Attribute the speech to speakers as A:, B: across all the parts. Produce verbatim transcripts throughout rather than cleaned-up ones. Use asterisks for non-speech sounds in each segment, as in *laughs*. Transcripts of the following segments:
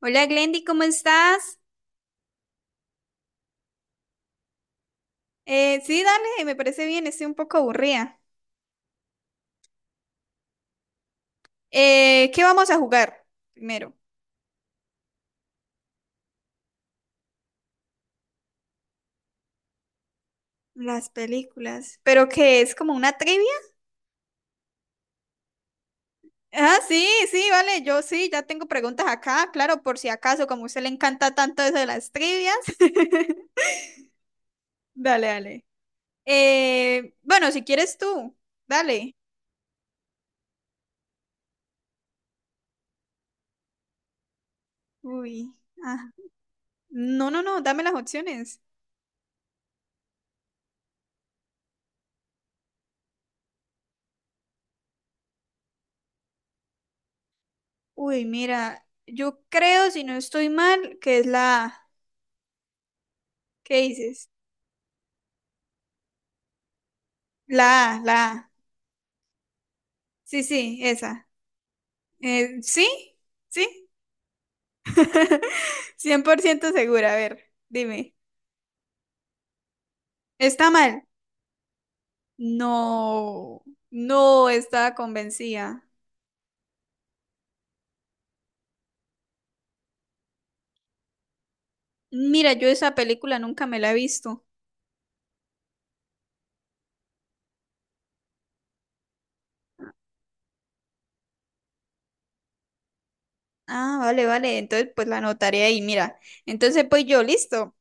A: Hola Glendy, ¿cómo estás? Eh, sí, dale, me parece bien, estoy un poco aburrida. Eh, ¿qué vamos a jugar primero? Las películas. ¿Pero qué es como una trivia? Ah, sí, sí, vale, yo sí, ya tengo preguntas acá, claro, por si acaso, como a usted le encanta tanto eso de las trivias. *laughs* Dale, dale. Eh, bueno, si quieres tú, dale. Uy, ah, no, no, no, dame las opciones. Uy, mira, yo creo, si no estoy mal, que es la A. ¿Qué dices? La A, la A. Sí, sí, esa. Eh, ¿sí? ¿Sí? Cien por ciento segura. A ver, dime. ¿Está mal? No, no estaba convencida. Mira, yo esa película nunca me la he visto. Ah, vale, vale. Entonces, pues la anotaré ahí, mira. Entonces, pues yo, listo.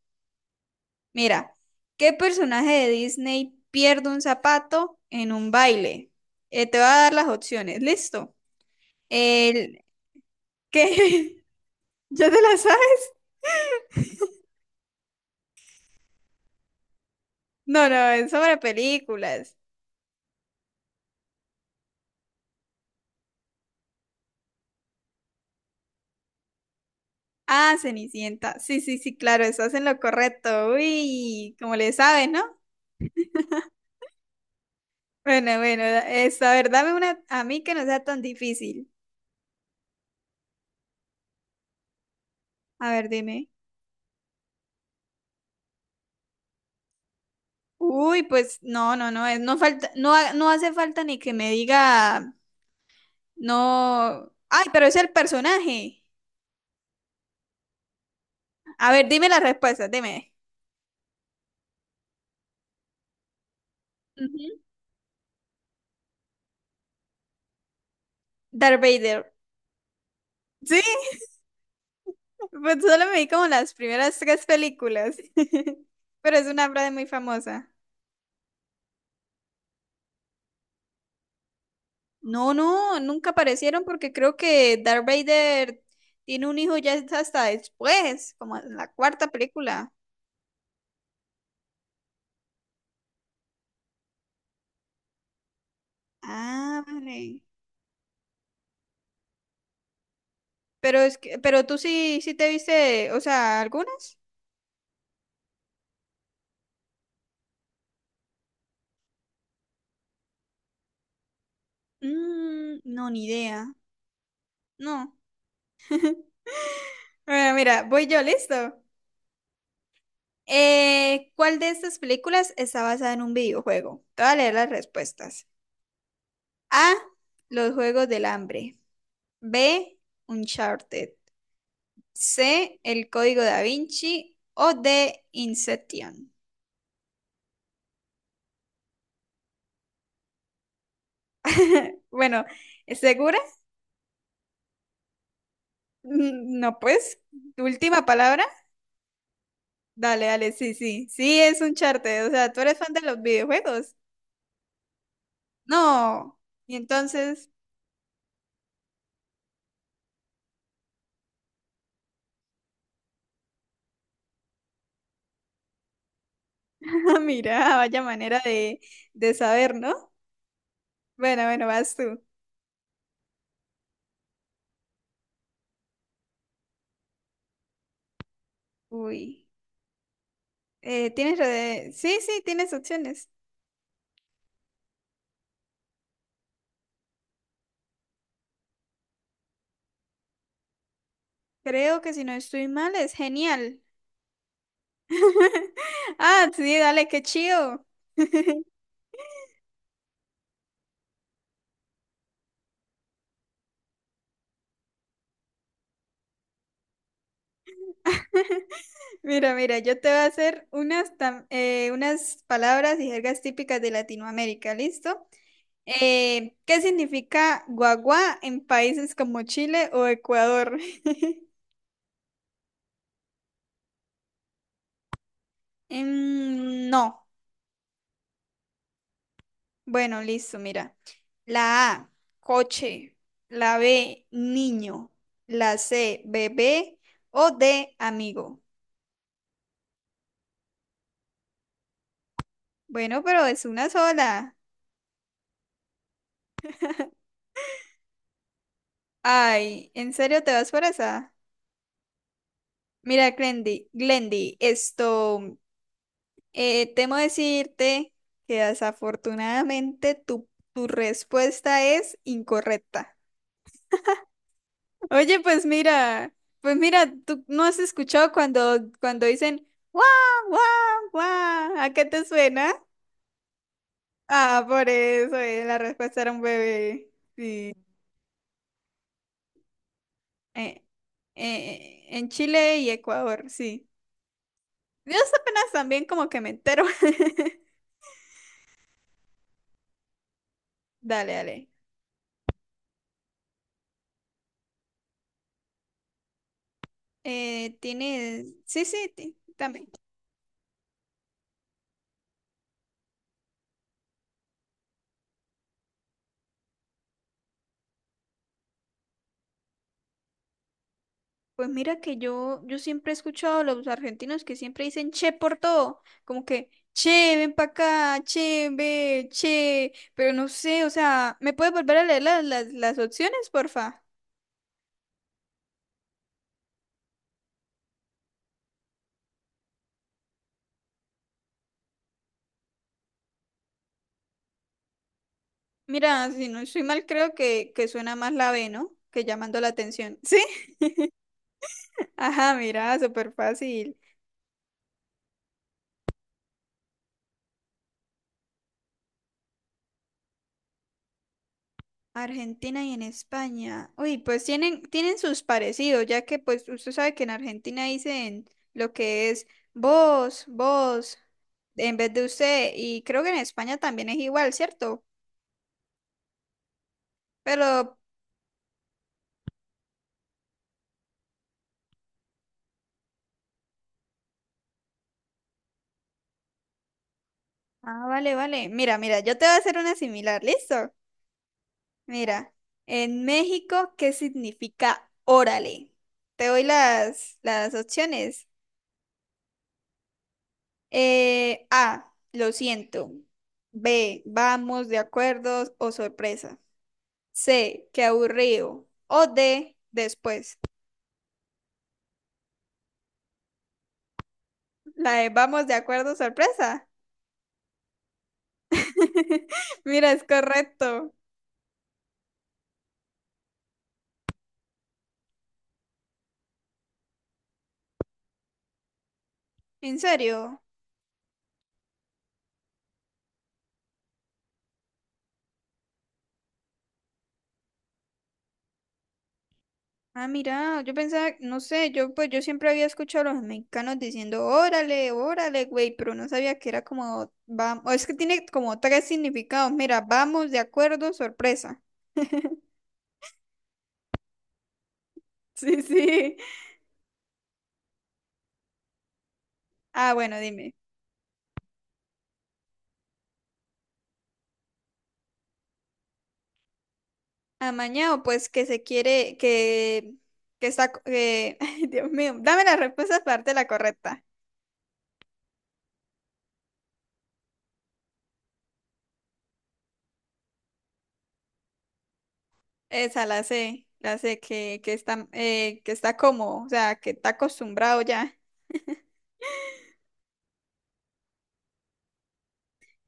A: Mira, ¿qué personaje de Disney pierde un zapato en un baile? Eh, te voy a dar las opciones, listo. El que *laughs* ya te las *laughs* No, no, es sobre películas. Ah, Cenicienta. Sí, sí, sí, claro, estás en lo correcto. Uy, como le sabes, ¿no? Bueno, bueno, da- es, a ver, dame una a mí que no sea tan difícil. A ver, dime. Uy, pues no, no, no, es, no falta, no, ha- no hace falta ni que me diga, no. Ay, pero es el personaje. A ver, dime las respuestas, dime. Ujú. Darth Vader. Sí, *laughs* pues solo me vi como las primeras tres películas. *laughs* Pero es una frase muy famosa. No, no, nunca aparecieron porque creo que Darth Vader tiene un hijo ya es hasta después, como en la cuarta película. Ah, vale. Pero es que, pero tú sí, sí te viste, o sea, algunas. Mm, no, ni idea. No. Bueno, mira, voy yo, listo. Eh, ¿cuál de estas películas está basada en un videojuego? Te voy a leer las respuestas. A. Los Juegos del Hambre. B. Uncharted. C, El Código Da Vinci o de Inception. *laughs* Bueno, ¿segura? Mm, No, pues, ¿tu última palabra? Dale, dale, sí, sí, sí, es un charte. O sea, tú eres fan de los videojuegos. No. Y entonces, *laughs* mira, vaya manera de, de saber, ¿no? Bueno, bueno, vas tú. Uy, eh, tienes, lo de- sí, sí, tienes opciones. Creo que si no estoy mal, es genial. *laughs* Ah, sí, dale, qué chido. *laughs* Mira, mira, yo te voy a hacer unas, tam- eh, unas palabras y jergas típicas de Latinoamérica, ¿listo? Eh, ¿qué significa guagua en países como Chile o Ecuador? *laughs* Em, no. Bueno, listo, mira. La A, coche. La B, niño. La C, bebé. O D, amigo. Bueno, pero es una sola. Ay, ¿en serio te vas por esa? Mira, Glendy, Glendy, esto. Eh, temo decirte que desafortunadamente tu, tu respuesta es incorrecta. *laughs* Oye, pues mira, pues mira, tú no has escuchado cuando, cuando dicen guau, guau, guau, ¿a qué te suena? Ah, por eso, eh, la respuesta era un bebé. Sí. Eh, eh, en Chile y Ecuador, sí. Yo apenas también como que me entero. *laughs* Dale, dale. Eh, tienes. Sí, sí, ti- también. Pues mira que yo, yo siempre he escuchado a los argentinos que siempre dicen che por todo, como que che, ven para acá, che, ve, che, pero no sé, o sea, ¿me puedes volver a leer las, las, las opciones, porfa? Mira, si no estoy mal, creo que, que suena más la B, ¿no? Que llamando la atención. ¿Sí? *laughs* Ajá, mira, súper fácil. Argentina y en España. Uy, pues tienen, tienen sus parecidos, ya que pues usted sabe que en Argentina dicen lo que es vos, vos. en vez de usted, y creo que en España también es igual, ¿cierto? Pero, ah, vale, vale. Mira, mira, yo te voy a hacer una similar, ¿listo? Mira, en México, ¿qué significa órale? Te doy las, las opciones. Eh, A, lo siento. B, vamos, de acuerdo o sorpresa. C, qué aburrido. O D, después. La de vamos, de acuerdo, sorpresa. *laughs* Mira, es correcto. ¿En serio? Ah, mira, yo pensaba, no sé, yo pues yo siempre había escuchado a los mexicanos diciendo, órale, órale, güey, pero no sabía que era como, vamos, es que tiene como tres significados, mira, vamos, de acuerdo, sorpresa. *laughs* Sí, sí. Ah, bueno, dime. Amañado, pues que se quiere, que, que está, co- que, *laughs* ay, Dios mío, dame la respuesta aparte la correcta. Esa la sé, la sé, que, que está, eh, que está como, o sea, que está acostumbrado ya.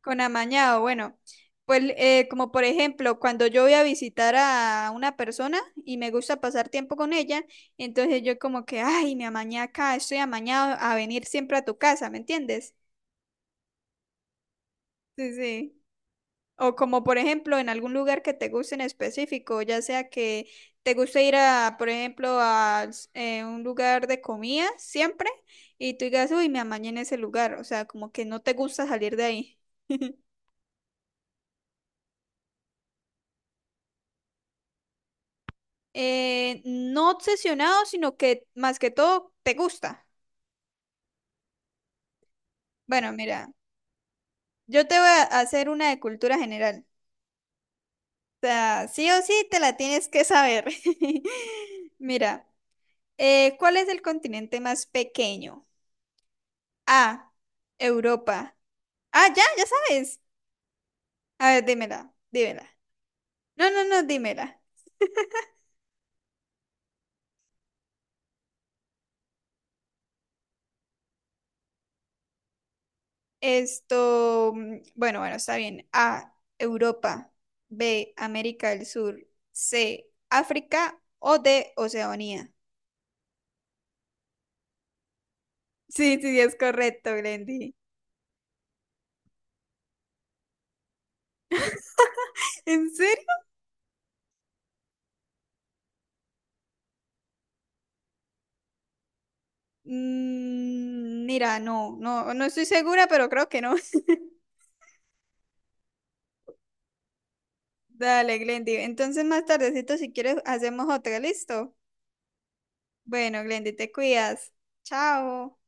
A: Con amañado, bueno, pues eh, como por ejemplo, cuando yo voy a visitar a una persona y me gusta pasar tiempo con ella, entonces yo como que, ay, me amañé acá, estoy amañado a venir siempre a tu casa, ¿me entiendes? Sí, sí. O como por ejemplo, en algún lugar que te guste en específico, ya sea que te guste ir a, por ejemplo, a s- eh, un lugar de comida siempre y tú digas, uy, me amañé en ese lugar, o sea, como que no te gusta salir de ahí. *laughs* Eh, no obsesionado, sino que más que todo te gusta. Bueno, mira, yo te voy a hacer una de cultura general. O sea, sí o sí te la tienes que saber. *laughs* Mira, eh, ¿cuál es el continente más pequeño? A, Europa. Ah, ya, ya sabes. A ver, dímela, dímela. No, no, no, dímela. Esto, mm, bueno, bueno, está bien. A, Europa. B, América del Sur. C, África o D, Oceanía. Sí, sí, sí, es correcto, Glendy. ¿En serio? Mm, mira, no, no, no estoy segura, pero creo que no. *laughs* Dale, Glendy. Entonces más tardecito, si quieres, hacemos otra, ¿listo? Bueno, Glendy, te cuidas. Chao.